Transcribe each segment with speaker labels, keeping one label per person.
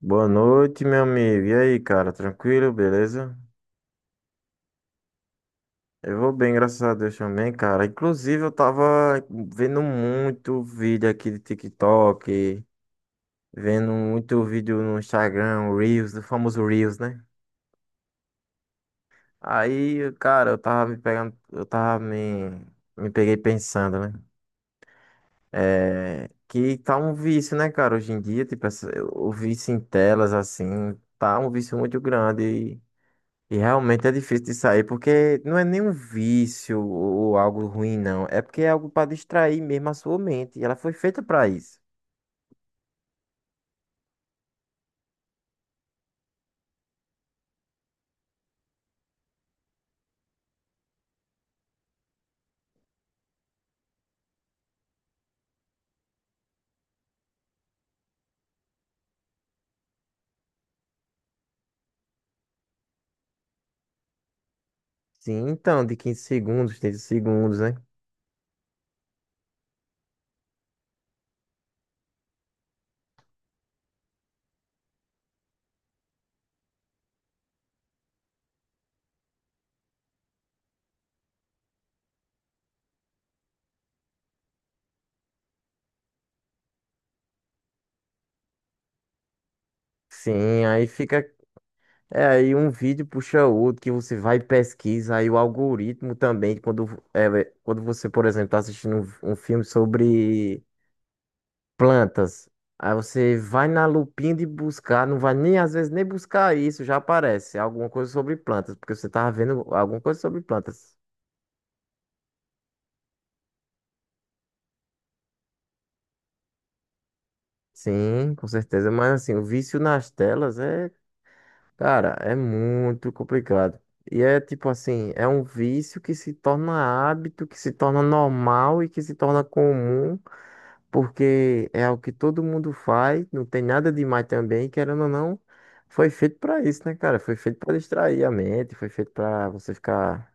Speaker 1: Boa noite, meu amigo. E aí, cara? Tranquilo, beleza? Eu vou bem, graças a Deus também, cara. Inclusive, eu tava vendo muito vídeo aqui de TikTok, vendo muito vídeo no Instagram, o Reels, o famoso Reels, né? Aí, cara, eu tava me pegando, eu tava me, me peguei pensando, né? Que tá um vício, né, cara? Hoje em dia, tipo, o vício em telas, assim, tá um vício muito grande. E realmente é difícil de sair, porque não é nenhum vício ou algo ruim, não. É porque é algo para distrair mesmo a sua mente. E ela foi feita para isso. Sim, então, de 15 segundos, 30 segundos, né? Sim, aí fica. É, aí um vídeo puxa outro que você vai e pesquisa. Aí o algoritmo também, quando você, por exemplo, está assistindo um filme sobre plantas. Aí você vai na lupinha de buscar, não vai nem às vezes nem buscar isso, já aparece alguma coisa sobre plantas, porque você tava vendo alguma coisa sobre plantas. Sim, com certeza, mas assim, o vício nas telas é, cara, é muito complicado. E é tipo assim, é um vício que se torna hábito, que se torna normal e que se torna comum. Porque é algo que todo mundo faz, não tem nada demais também, querendo ou não, foi feito pra isso, né, cara? Foi feito pra distrair a mente, foi feito pra você ficar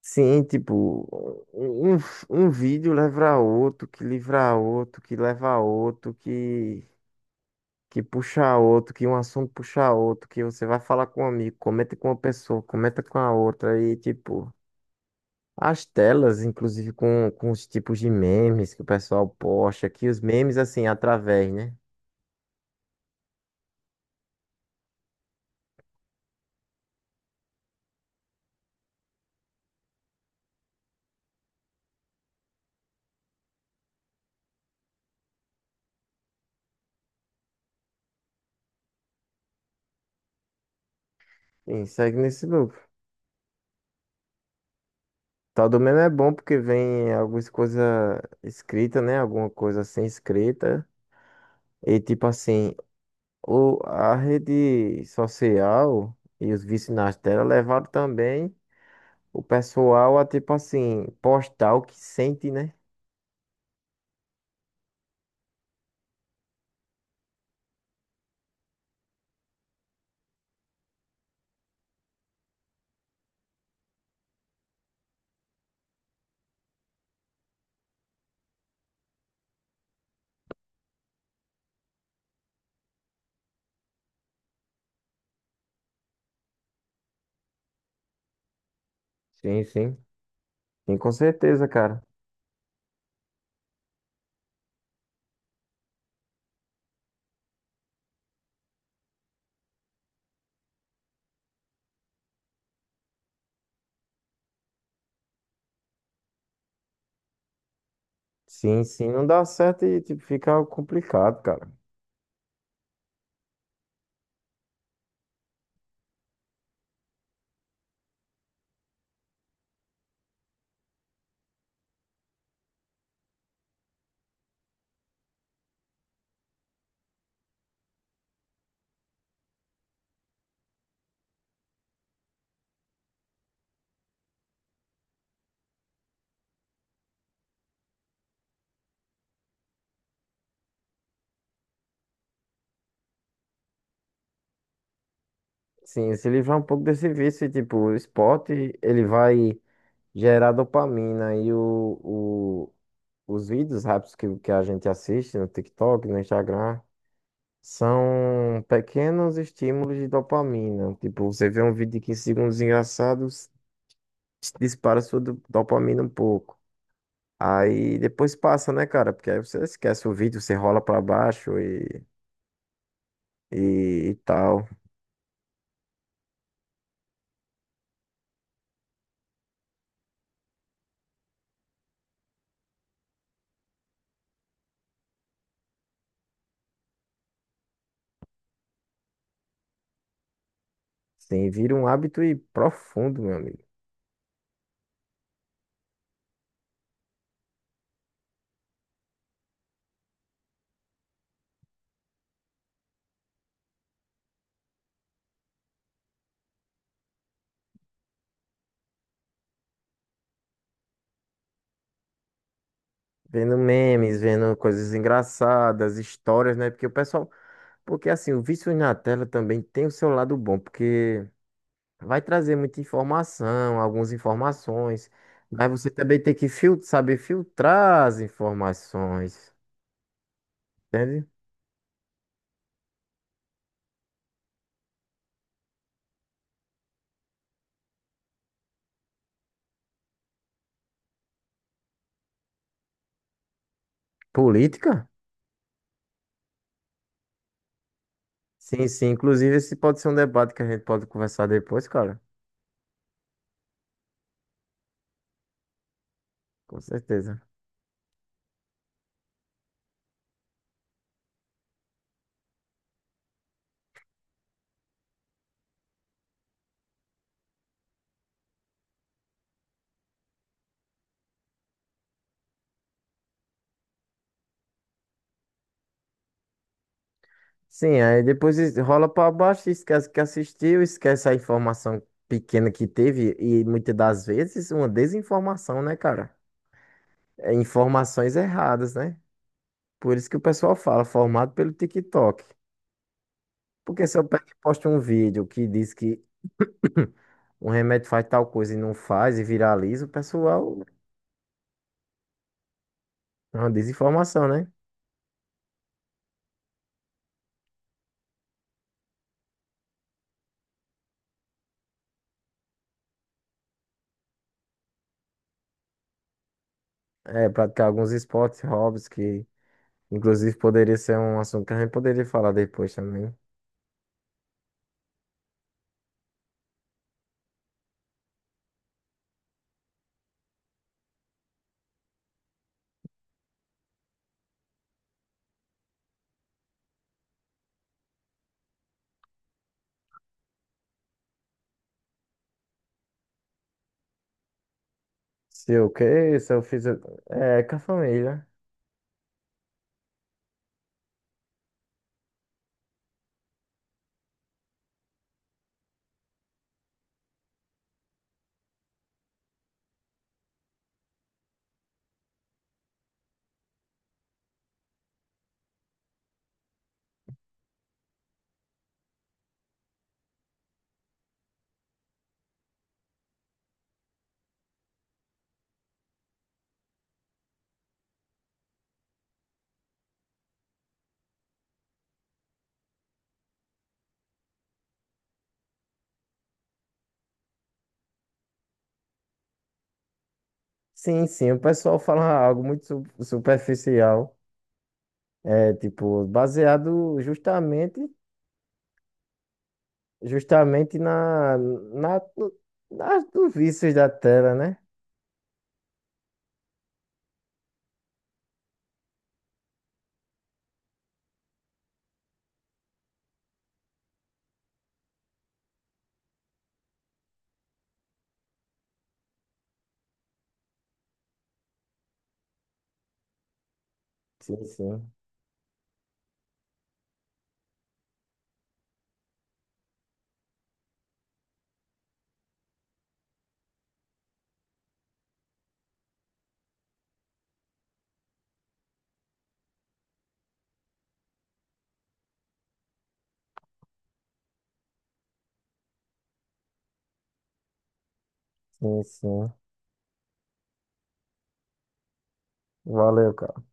Speaker 1: sim, tipo, um, um um vídeo leva a outro, que livra a outro, que leva a outro, que puxa a outro, que um assunto puxa a outro, que você vai falar com um amigo, comenta com uma pessoa, comenta com a outra e tipo as telas, inclusive com os tipos de memes que o pessoal posta, que os memes, assim, através, né? E segue nesse loop. Tal do meme é bom porque vem algumas coisas escritas, né? Alguma coisa sem escrita. E tipo assim, a rede social e os vícios nas telas levaram também o pessoal a tipo assim, postar o que sente, né? Sim, sim. Sim, com certeza, cara. Sim, sim, não dá certo e tipo, fica complicado, cara. Sim, se livrar um pouco desse vício, e, tipo, o esporte, ele vai gerar dopamina e o, os vídeos rápidos que a gente assiste no TikTok, no Instagram, são pequenos estímulos de dopamina. Tipo, você vê um vídeo de 15 segundos engraçado, dispara sua dopamina um pouco. Aí depois passa, né, cara? Porque aí você esquece o vídeo, você rola pra baixo e, e tal. Sim, vira um hábito e profundo, meu amigo. Vendo memes, vendo coisas engraçadas, histórias, né? Porque o pessoal. Porque assim, o vício na tela também tem o seu lado bom, porque vai trazer muita informação, algumas informações, mas você também tem que saber filtrar as informações, entende? Política? Sim, sim. Inclusive, esse pode ser um debate que a gente pode conversar depois, cara. Com certeza. Sim, aí depois rola pra baixo, esquece que assistiu, esquece a informação pequena que teve e muitas das vezes uma desinformação, né, cara? É informações erradas, né? Por isso que o pessoal fala, formado pelo TikTok. Porque se eu pego e posto um vídeo que diz que um remédio faz tal coisa e não faz e viraliza, o pessoal é uma desinformação, né? É, praticar alguns esportes, hobbies que, inclusive, poderia ser um assunto que a gente poderia falar depois também. Se eu fiz. É, com a família. Sim, sim, o pessoal fala algo muito superficial. É, tipo, justamente nos vícios da tela, né? Sim, sim. Sim, sim. Valeu, cara.